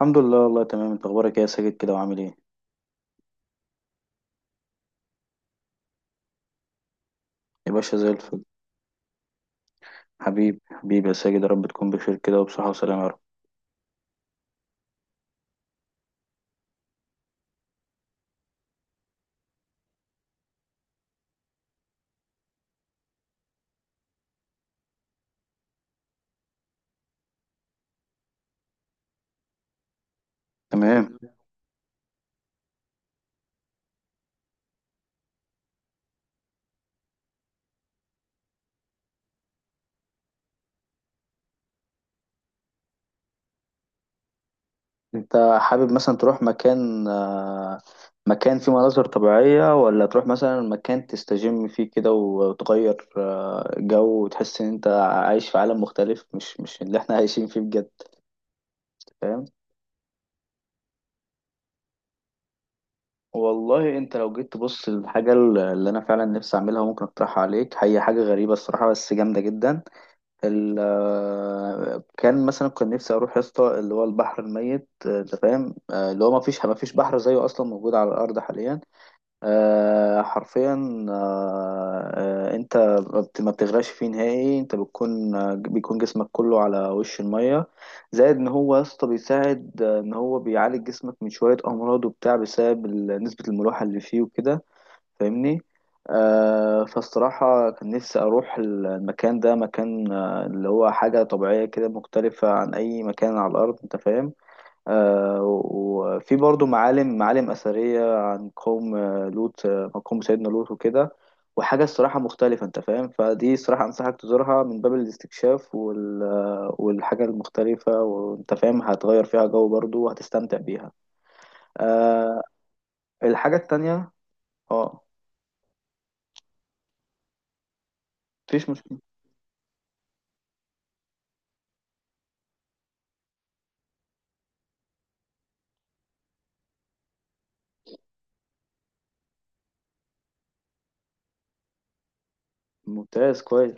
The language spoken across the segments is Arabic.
الحمد لله، والله تمام. انت اخبارك ايه يا ساجد كده وعامل ايه؟ يا باشا زي الفل. حبيبي حبيبي يا ساجد، يا رب تكون بخير كده وبصحة وسلامة يا رب. تمام. انت حابب مثلا تروح مكان فيه مناظر طبيعية، ولا تروح مثلا مكان تستجم فيه كده وتغير جو، وتحس ان انت عايش في عالم مختلف، مش اللي احنا عايشين فيه بجد. فاهم. والله انت لو جيت تبص للحاجة اللي انا فعلا نفسي اعملها وممكن اقترحها عليك، هي حاجة غريبة الصراحة بس جامدة جدا. ال آه، كان مثلا كان نفسي اروح يا اسطى اللي هو البحر الميت، انت فاهم. اللي هو ما فيش بحر زيه اصلا موجود على الارض حاليا، حرفيا. انت ما بتغرقش فيه نهائي، انت بتكون آه، بيكون جسمك كله على وش الميه. زائد ان هو يا اسطى بيساعد آه، ان هو بيعالج جسمك من شويه امراض وبتاع بسبب نسبه الملوحه اللي فيه وكده، فاهمني. فالصراحة كان نفسي أروح المكان ده، مكان اللي هو حاجة طبيعية كده مختلفة عن أي مكان على الأرض، أنت فاهم. وفي برضو معالم أثرية عن قوم لوط، قوم سيدنا لوط وكده، وحاجة الصراحة مختلفة أنت فاهم. فدي الصراحة أنصحك تزورها من باب الاستكشاف والحاجة المختلفة، وأنت فاهم هتغير فيها جو برضو وهتستمتع بيها آه الحاجة التانية. اه. مفيش مشكلة. ممتاز كويس.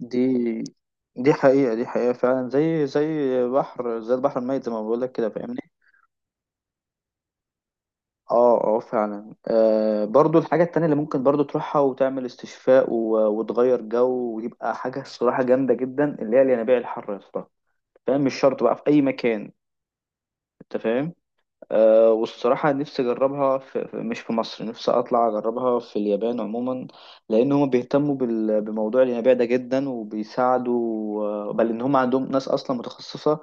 دي دي حقيقة، دي حقيقة فعلا، زي بحر، زي البحر الميت زي ما بقول لك كده، فاهمني. اه، اه، فعلا. برضو الحاجة التانية اللي ممكن برضو تروحها وتعمل استشفاء وتغير جو، ويبقى حاجة الصراحة جامدة جدا، اللي هي الينابيع الحر يا اسطى. فاهم، مش شرط بقى في أي مكان، أنت فاهم. والصراحة نفسي أجربها مش في مصر، نفسي أطلع أجربها في اليابان عموما، لأن هما بيهتموا بموضوع الينابيع ده جدا وبيساعدوا. بل إن هما عندهم ناس أصلا متخصصة،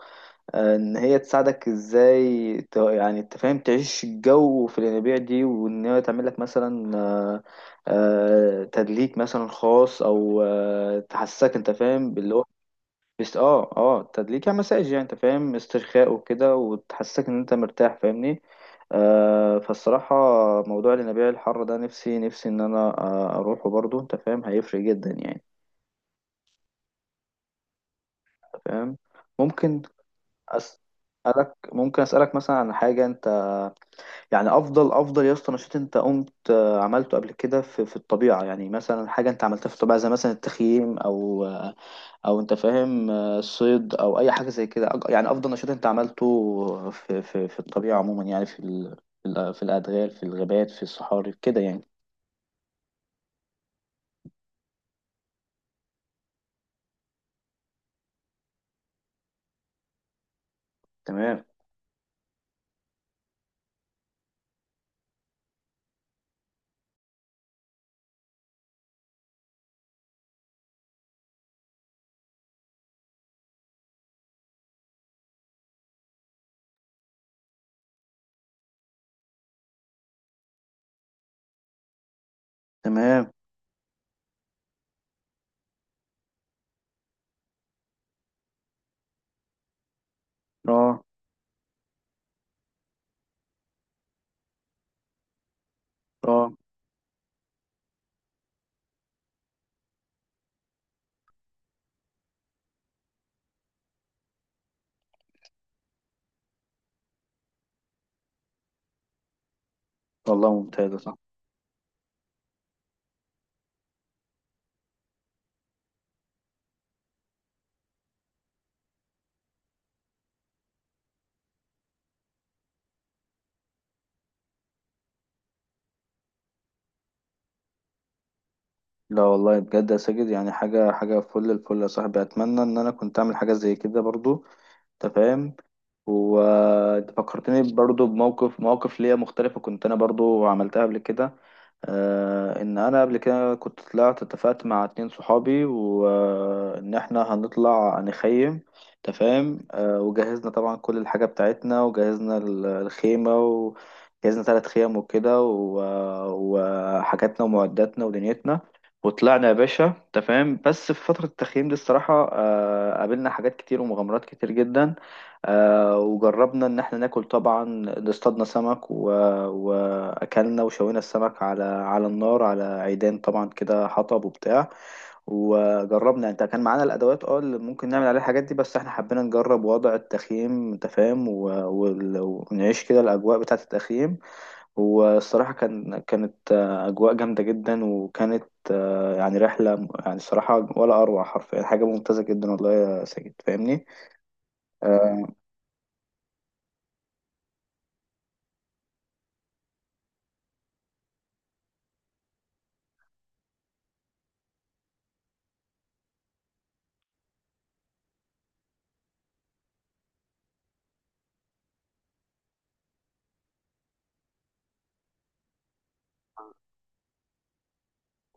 ان هي تساعدك ازاي، يعني انت فاهم تعيش الجو في الينابيع دي، وان هي تعمل لك مثلا تدليك مثلا خاص، او تحسسك انت فاهم باللي هو. بس اه، اه، تدليك يعني، مساج يعني، انت فاهم، استرخاء وكده وتحسسك ان انت مرتاح، فاهمني. فالصراحة موضوع الينابيع الحارة ده، نفسي ان انا اروحه برضو، انت فاهم هيفرق جدا يعني، انت فاهم. ممكن ممكن أسألك مثلا عن حاجة انت. يعني افضل يا اسطى نشاط انت قمت آه، عملته قبل كده في الطبيعه، يعني مثلا حاجه انت عملتها في الطبيعه زي مثلا التخييم او او انت فاهم الصيد، او اي حاجه زي كده، يعني افضل نشاط انت عملته في الطبيعه عموما، يعني في الادغال، في الغابات، في الصحاري كده يعني. تمام، تمام. اه، اه. والله ممتاز يا صاحبي. لا والله بجد يا ساجد، يعني حاجه حاجه فل الفل يا صاحبي، اتمنى ان انا كنت اعمل حاجه زي كده برضو، انت فاهم. وانت فكرتني برضو بموقف مواقف ليا مختلفة كنت انا برضو عملتها قبل كده. ان انا قبل كده كنت طلعت اتفقت مع اتنين صحابي، وان احنا هنطلع نخيم، تفاهم. وجهزنا طبعا كل الحاجة بتاعتنا، وجهزنا الخيمة، وجهزنا ثلاث خيم وكده وحاجاتنا ومعداتنا ودنيتنا، وطلعنا يا باشا، تفاهم. بس في فترة التخييم دي الصراحة قابلنا حاجات كتير ومغامرات كتير جدا، وجربنا ان احنا ناكل، طبعا اصطادنا سمك واكلنا وشوينا السمك على النار، على عيدان طبعا كده، حطب وبتاع. وجربنا، انت كان معانا الادوات اللي ممكن نعمل عليها الحاجات دي، بس احنا حبينا نجرب وضع التخييم انت فاهم، ونعيش كده الاجواء بتاعه التخييم. والصراحه كانت اجواء جامده جدا، وكانت يعني رحله، يعني الصراحه ولا اروع حرفيا، حاجه ممتازه جدا والله يا ساجد، فاهمني.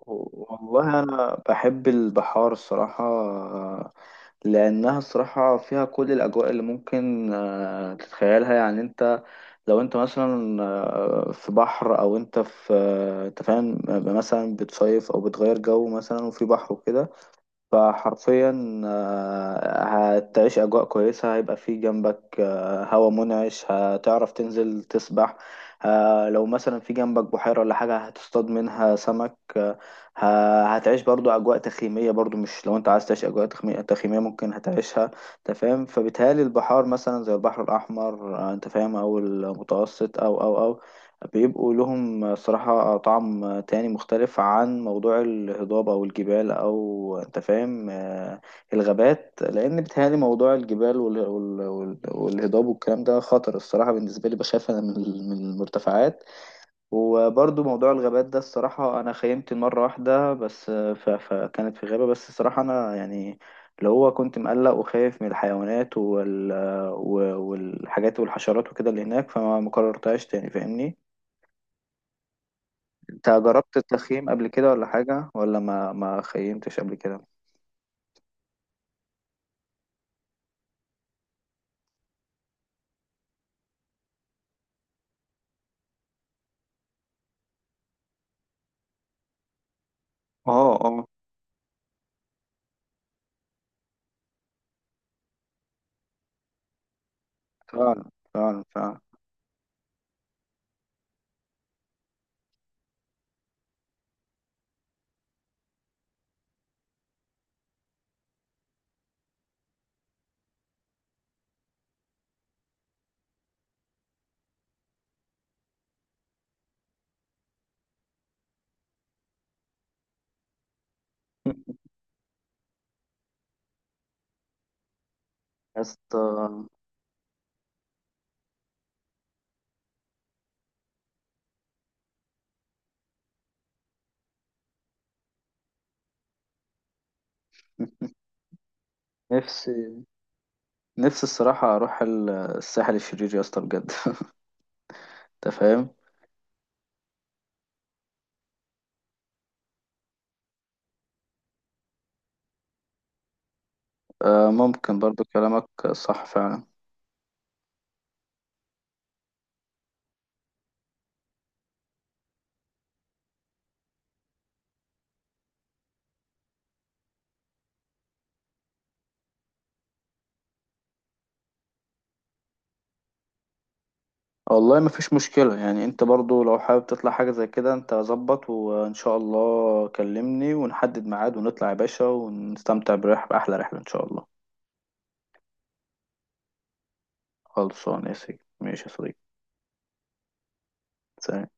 والله أنا بحب البحار الصراحة لأنها الصراحة فيها كل الأجواء اللي ممكن تتخيلها، يعني أنت لو أنت مثلا في بحر، أو أنت في أنت فاهم مثلا بتصيف أو بتغير جو مثلا وفي بحر وكده، فحرفيا هتعيش أجواء كويسة، هيبقى في جنبك هوا منعش، هتعرف تنزل تسبح، لو مثلا في جنبك بحيرة ولا حاجة هتصطاد منها سمك هتعيش برضو أجواء تخييمية برضو، مش لو أنت عايز تعيش أجواء تخييمية ممكن هتعيشها، أنت فاهم. فبالتالي البحار مثلا زي البحر الأحمر أنت فاهم، أو المتوسط أو أو بيبقوا لهم صراحة طعم تاني مختلف عن موضوع الهضاب أو الجبال، أو أنت فاهم الغابات، لأن بيتهيألي موضوع الجبال والهضاب والكلام ده خطر الصراحة بالنسبة لي، بخاف أنا من من المرتفعات. وبرضو موضوع الغابات ده الصراحة أنا خيمت مرة واحدة بس فكانت في غابة، بس الصراحة أنا يعني اللي هو كنت مقلق وخايف من الحيوانات والحاجات والحشرات وكده اللي هناك، فما مكررتهاش تاني، فاهمني. انت جربت التخييم قبل كده ولا حاجة، ولا ما خيمتش قبل كده؟ اه، اه، فعلا فعلا فعلا يا اسطى، نفسي نفسي الصراحة أروح الساحل الشرير يا اسطى بجد أنت فاهم؟ ممكن برضو كلامك صح فعلا. والله مفيش مشكلة، يعني أنت برضو لو حابب تطلع حاجة زي كده أنت ظبط، وإن شاء الله كلمني ونحدد ميعاد ونطلع يا باشا ونستمتع برحلة، بأحلى رحلة إن شاء الله. خلصان يا سيدي، ماشي يا صديقي. سلام.